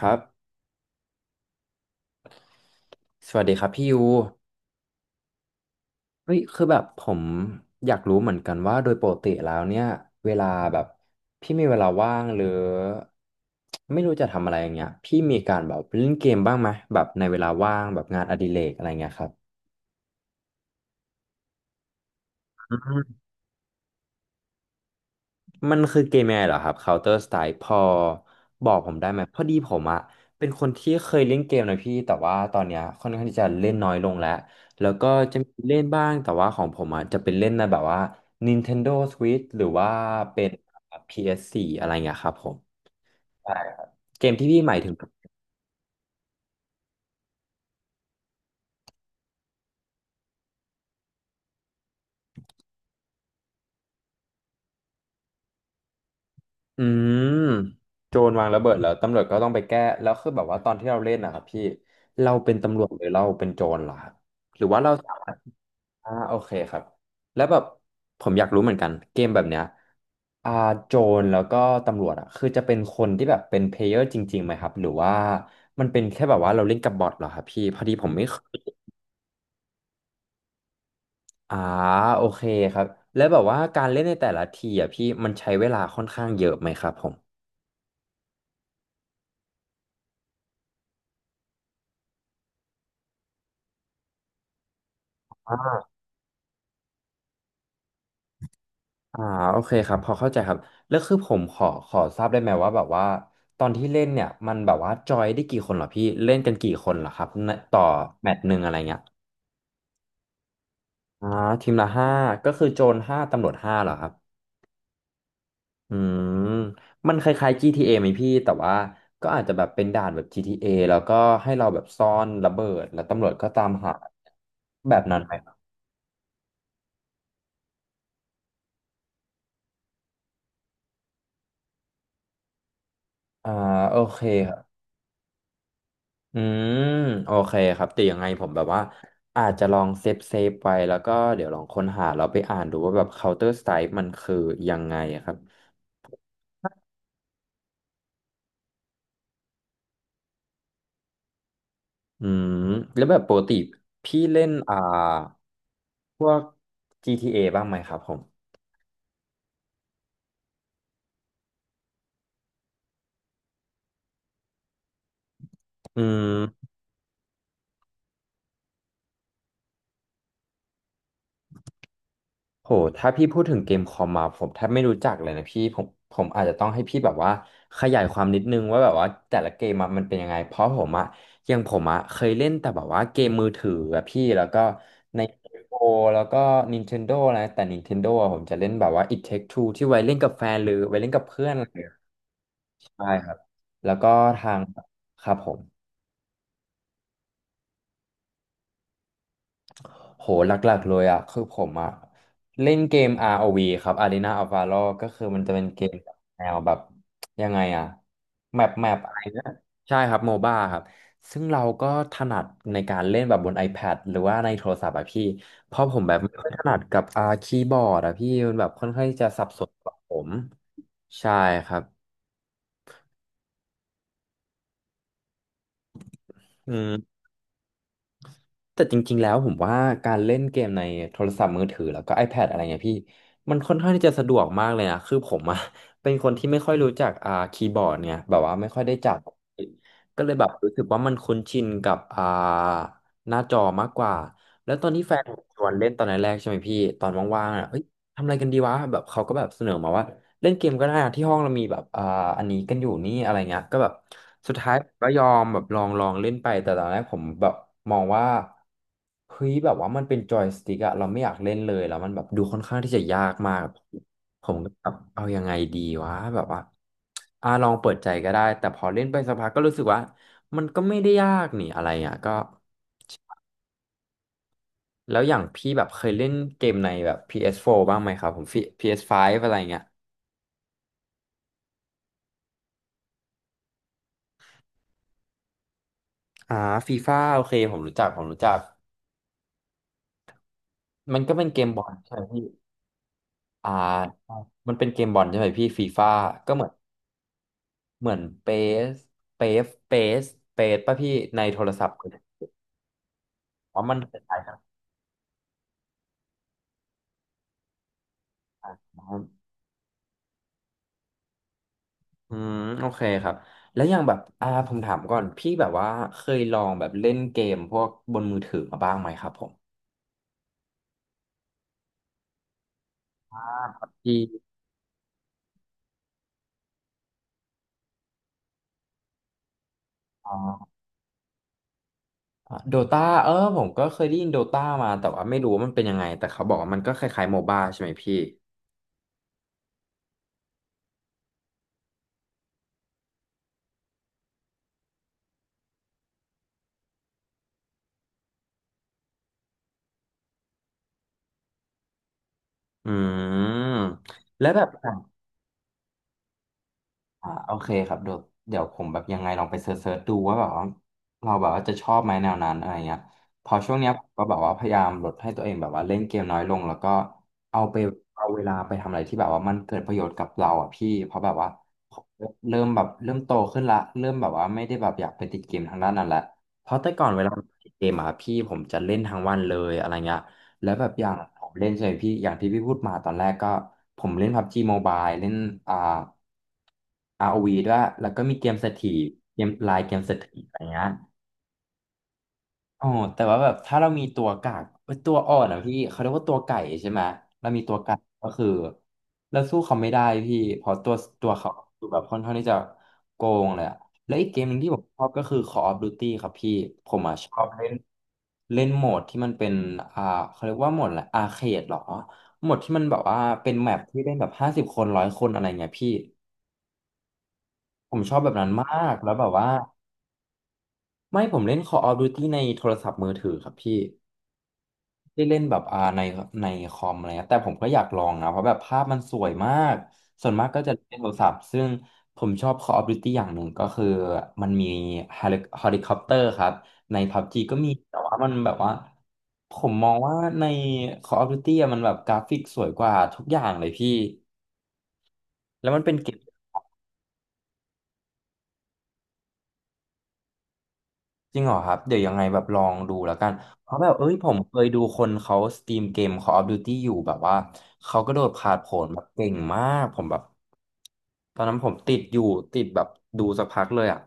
ครับ สวัสดีครับพี่ยูเฮ้ยคือแบบผมอยากรู้เหมือนกันว่าโดยปกติแล้วเนี่ยเวลาแบบพี่มีเวลาว่างหรือไม่รู้จะทำอะไรอย่างเงี้ยพี่มีการแบบเล่นเกมบ้างไหมแบบในเวลาว่างแบบงานอดิเรกอะไรเงี้ยครับ มันคือเกมยังไงเหรอครับ Counter Strike พอบอกผมได้ไหมพอดีผมอะเป็นคนที่เคยเล่นเกมนะพี่แต่ว่าตอนเนี้ยค่อนข้างที่จะเล่นน้อยลงแล้วแล้วก็จะมีเล่นบ้างแต่ว่าของผมอะจะเป็นเล่นในแบบว่า Nintendo Switch หรือว่าเป็น PS4 อสโฟร์อะไรเงี้ยครับผมใช่ครับเกมที่พี่หมายถึงอืมโจรวางระเบิดแล้วตำรวจก็ต้องไปแก้แล้วคือแบบว่าตอนที่เราเล่นนะครับพี่เราเป็นตำรวจหรือเราเป็นโจรเหรอครับหรือว่าเรา โอเคครับแล้วแบบผมอยากรู้เหมือนกันเกมแบบเนี้ยอ่าโจรแล้วก็ตำรวจอ่ะคือจะเป็นคนที่แบบเป็นเพลเยอร์จริงๆไหมครับหรือว่ามันเป็นแค่แบบว่าเราเล่นกับบอทเหรอครับพี่พอดีผมไม่เคยอ่าโอเคครับแล้วแบบว่าการเล่นในแต่ละทีอ่ะพี่มันใช้เวลาค่อนข้างเยอะไหมครับผมอ่าโอเคครับพอเข้าใจครับแล้วคือผมขอทราบได้ไหมว่าแบบว่าตอนที่เล่นเนี่ยมันแบบว่าจอยได้กี่คนเหรอพี่เล่นกันกี่คนเหรอครับในต่อแมตช์หนึ่งอะไรเงี้ย อ่าทีมละ5ก็คือโจรห้าตำรวจห้าเหรอครับอืมมันคล้ายๆ GTA ไหมพี่แต่ว่าก็อาจจะแบบเป็นด่านแบบ GTA แล้วก็ให้เราแบบซ่อนระเบิดแล้วตำรวจก็ตามหาแบบนั้นไหมครับอ่าโอเคครับอืมโอเคครับแต่ยังไงผมแบบว่าอาจจะลองเซฟเซฟไว้แล้วก็เดี๋ยวลองค้นหาเราไปอ่านดูว่าแบบ Counter Strike มันคือยังไงอะครับอืมแล้วแบบปกติพี่เล่นพวก GTA บ้างไหมครับผม อืมโหถ้าพี่พูดถึงเกมคอมมาผมแทบไม่รู้จักเลยนะพี่ผมอาจจะต้องให้พี่แบบว่าขยายความนิดนึงว่าแบบว่าแต่ละเกมอะมันเป็นยังไงเพราะผมอะอยังผมอะเคยเล่นแต่แบบว่าเกมมือถืออะพี่แล้วก็ในโอแล้วก็ Nintendo อะไรแต่ Nintendo อะผมจะเล่นแบบว่า It Take Two ที่ไว้เล่นกับแฟนหรือไว้เล่นกับเพื่อนอะไรอย่างเงี้ยใช่ครับแล้วก็ทางครับผม โหหลักๆเลยอ่ะคือผมอ่ะเล่นเกม ROV ครับ Arena of Valor ก็คือมันจะเป็นเกมแบบแนวแบบยังไงอ่ะแมปอะไรเงี้ยใช่ครับโมบ้าครับซึ่งเราก็ถนัดในการเล่นแบบบน iPad หรือว่าในโทรศัพท์อ่ะพี่เพราะผมแบบไม่ค่อยถนัดกับคีย์บอร์ดอ่ะพี่มันแบบค่อนข้างที่จะสับสนกับผมใช่ครับอืม แต่จริงๆแล้วผมว่าการเล่นเกมในโทรศัพท์มือถือแล้วก็ iPad อะไรเงี้ยพี่มันค่อนข้างที่จะสะดวกมากเลยนะคือผมอะ เป็นคนที่ไม่ค่อยรู้จักคีย์บอร์ดเนี่ยแบบว่าไม่ค่อยได้จับก็เลยแบบรู้สึกว่ามันคุ้นชินกับหน้าจอมากกว่าแล้วตอนที่แฟนผมชวนเล่นตอนแรกๆใช่ไหมพี่ตอนว่างๆอ่ะเอ้ย ทำอะไรกันดีวะแบบเขาก็แบบเสนอมาว่าเล่นเกมก็ได้อะที่ห้องเรามีแบบอันนี้กันอยู่นี่อะไรเงี้ยก็แบบสุดท้ายผมก็ยอมแบบลองเล่นไปแต่ตอนแรกผมแบบมองว่าเฮ้ยแบบว่ามันเป็นจอยสติ๊กอะเราไม่อยากเล่นเลยแล้วมันแบบดูค่อนข้างที่จะยากมากผมก็แบบเอายังไงดีวะแบบว่าลองเปิดใจก็ได้แต่พอเล่นไปสักพักก็รู้สึกว่ามันก็ไม่ได้ยากนี่อะไรอ่ะก็ แล้วอย่างพี่แบบเคยเล่นเกมในแบบ PS4 บ้างไหมครับผมฟไ p s ์อะไรเงี้ยอ่าฟีฟ่าโอเคผมรู้จักมันก็เป็นเกมบอลใช่ไหมพี่อ่ามันเป็นเกมบอลใช่ไหมพี่ฟีฟ่าก็เหมือนเหมือนสเปสเปสเปสป่ะพี่ในโทรศัพท์เลยเพามันคล้ายๆกันนะครับอืมโอเคครับแล้วอย่างแบบผมถามก่อนพี่แบบว่าเคยลองแบบเล่นเกมพวกบนมือถือมาบ้างไหมครับผมอ่า PUG โดตาผมก็เคยได้ยินโดตามาแต่ว่าไม่รู้ว่ามันเป็นยังไงแต่เขาบอกว่ามันก็คล้ายๆโมบ้าใช่ไหมพี่อืมแล้วแบบ โอเคครับเดี๋ยวผมแบบยังไงลองไปเสิร์ชดูว่าแบบว่าเราแบบว่าจะชอบไหมแนวนั้นอะไรเงี้ยพอช่วงเนี้ยผมก็แบบว่าพยายามลดให้ตัวเองแบบว่าเล่นเกมน้อยลงแล้วก็เอาไปเอาเวลาไปทำอะไรที่แบบว่ามันเกิดประโยชน์กับเราอ่ะพี่เพราะแบบว่าผมเริ่มโตขึ้นละเริ่มแบบว่าไม่ได้แบบอยากไปติดเกมทางด้านนั้นละเพราะแต่ก่อนเวลาติดเกมอ่ะพี่ผมจะเล่นทั้งวันเลยอะไรเงี้ย แล้วแบบอย่างผมเล่นใช่ไหมพี่อย่างที่พี่พูดมาตอนแรกก็ผมเล่น p บบ g Mobile เล่นอ่า r o ีด้วยแล้วก็มีเกมเศรษฐีเกมเศรษฐีอะไรเงี้ยอ๋อแต่ว่าแบบถ้าเรามีตัวกากเอ้ยตัวอ่อนอ่ะพี่เขาเรียกว่าตัวไก่ใช่ไหมเรามีตัวกากก็คือเราสู้เขาไม่ได้พี่เพราะตัวเขาคือแบบค่อนข้างที่จะโกงเลยอะและอีกเกมหนึ่งที่ผมชอบก็คือ Call of Duty ครับพี่ผมอ่ะชอบเล่น เล่นโหมดที่มันเป็นอ่าเขาเรียกว่าโหมดอะไรอาเคดหรอ โหมดที่มันแบบว่าเป็นแมปที่เล่นแบบห้าสิบคนร้อยคนอะไรเงี้ยพี่ ผมชอบแบบนั้นมาก แล้วแบบว่าไม่ผมเล่น Call of Duty ในโทรศัพท์มือถือครับพี่ ได้เล่นแบบในในคอมอะไรเงี้ยแต่ผมก็อยากลองนะเพราะแบบภาพมันสวยมากส่วนมากก็จะเล่นในโทรศัพท์ซึ่งผมชอบ Call of Duty อย่างหนึ่งก็คือมันมีเฮลิคอปเตอร์ครับใน PUBG ก็มีแต่ว่ามันแบบว่าผมมองว่าใน Call of Duty อะมันแบบกราฟิกสวยกว่าทุกอย่างเลยพี่แล้วมันเป็นเกมจริงเหรอครับเดี๋ยวยังไงแบบลองดูแล้วกันเพราะแบบเอ้ยผมเคยดูคนเขาสตรีมเกม Call of Duty อยู่แบบว่าเขาก็โดดผาดโผนแบบเก่งมากผมแบบ ตอนนั้นผมติดอยู่ติดแบบดูสักพักเลยอ่ะ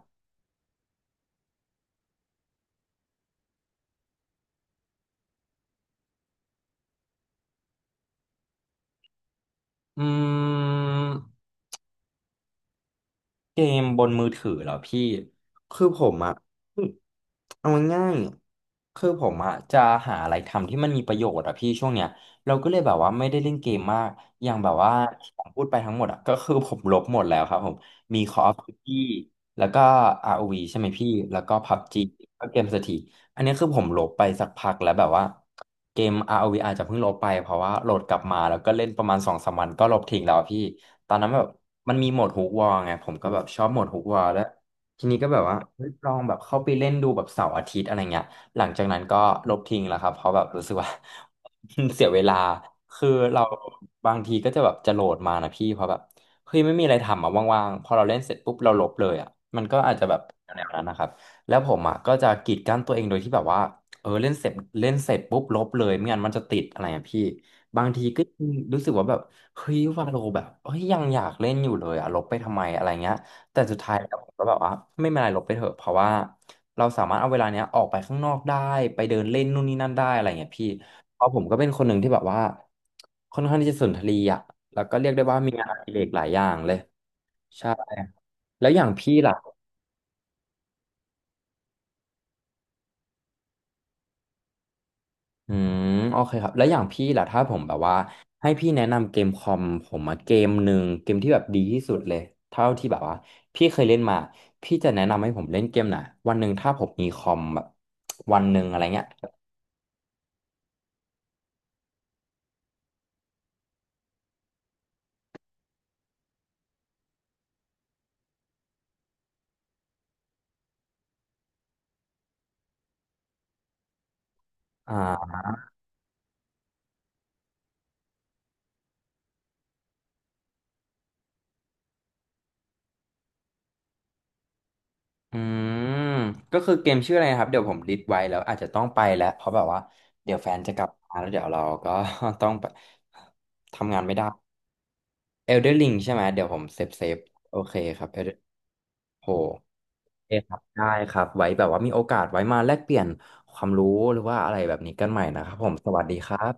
อืมเกมบนมือถือเหรอพี่คือผมอ่ะเอาง่ายๆคือผมอ่ะจะหาอะไรทำที่มันมีประโยชน์อ่ะพี่ช่วงเนี้ยเราก็เลยแบบว่าไม่ได้เล่นเกมมากอย่างแบบว่าที่ผมพูดไปทั้งหมดอ่ะก็คือผมลบหมดแล้วครับผมมี Call of Duty แล้วก็ ROV ใช่ไหมพี่แล้วก็ PUBG แล้วก็เกมเศรษฐี อันนี้คือผมลบไปสักพักแล้วแบบว่าเกม ROV อวีอาจจะเพิ่งลบไปเพราะว่าโหลดกลับมาแล้วก็เล่นประมาณสองสามวันก็ลบทิ้งแล้วอะพี่ตอนนั้นแบบมันมีโหมดฮุกวอลไงผมก็แบบชอบโหมดฮุกวอลแล้วทีนี้ก็แบบว่าเฮ้ยลองแบบเข้าไปเล่นดูแบบเสาร์อาทิตย์อะไรเงี้ยหลังจากนั้นก็ลบทิ้งแล้วครับเพราะแบบรู้สึกว่า เสียเวลาคือเราบางทีก็จะแบบจะโหลดมานะพี่เพราะแบบเฮ้ยไม่มีอะไรทำอ่ะว่างๆพอเราเล่นเสร็จปุ๊บเราลบเลยอ่ะมันก็อาจจะแบบแนวๆนั้นนะครับ แล้วผมอ่ะก็จะกีดกั้นตัวเองโดยที่แบบว่าเออเล่นเสร็จปุ๊บลบเลยไม่งั้นมันจะติดอะไรอ่ะพี่บางทีก็รู้สึกว่าแบบเฮ้ยวาโลแบบเฮ้ยยังอยากเล่นอยู่เลยอ่ะลบไปทำไมอะไรเงี้ยแต่สุดท้ายแล้วผมก็แบบว่าไม่เป็นไรลบไปเถอะเพราะว่าเราสามารถเอาเวลาเนี้ยออกไปข้างนอกได้ไปเดินเล่นนู่นนี่นั่นได้อะไรเงี้ยพี่เพราะผมก็เป็นคนหนึ่งที่แบบว่าค่อนข้างที่จะสุนทรีย์อ่ะแล้วก็เรียกได้ว่ามีงานอดิเรกหลายอย่างเลยใช่แล้วอย่างพี่ล่ะ อืมโอเคครับแล้วอย่างพี่ล่ะถ้าผมแบบว่าให้พี่แนะนำเกมคอมผมมาเกมหนึ่งเกมที่แบบดีที่สุดเลยเท่าที่แบบว่าพี่เคยเล่นมาพี่จะแนะนำให้ผมเล่นเกมไหนวันหนึ่งถ้าผมมีคอมแบบวันหนึ่งอะไรเงี้ยอ่าอืมก็คือเกมชื่ออะไรนะครับเดี๋ยวผมลิสต์ไว้แล้วอาจจะต้องไปแล้วเพราะแบบว่าเดี๋ยวแฟนจะกลับมาแล้วเดี๋ยวเราก็ ต้องไปทำงานไม่ได้ Elder Ring ใช่ไหมเดี๋ยวผมเซฟโอเคครับ Elder โห โอเคครับได้ครับไว้แบบว่ามีโอกาสไว้มาแลกเปลี่ยนความรู้หรือว่าอะไรแบบนี้กันใหม่นะครับผมสวัสดีครับ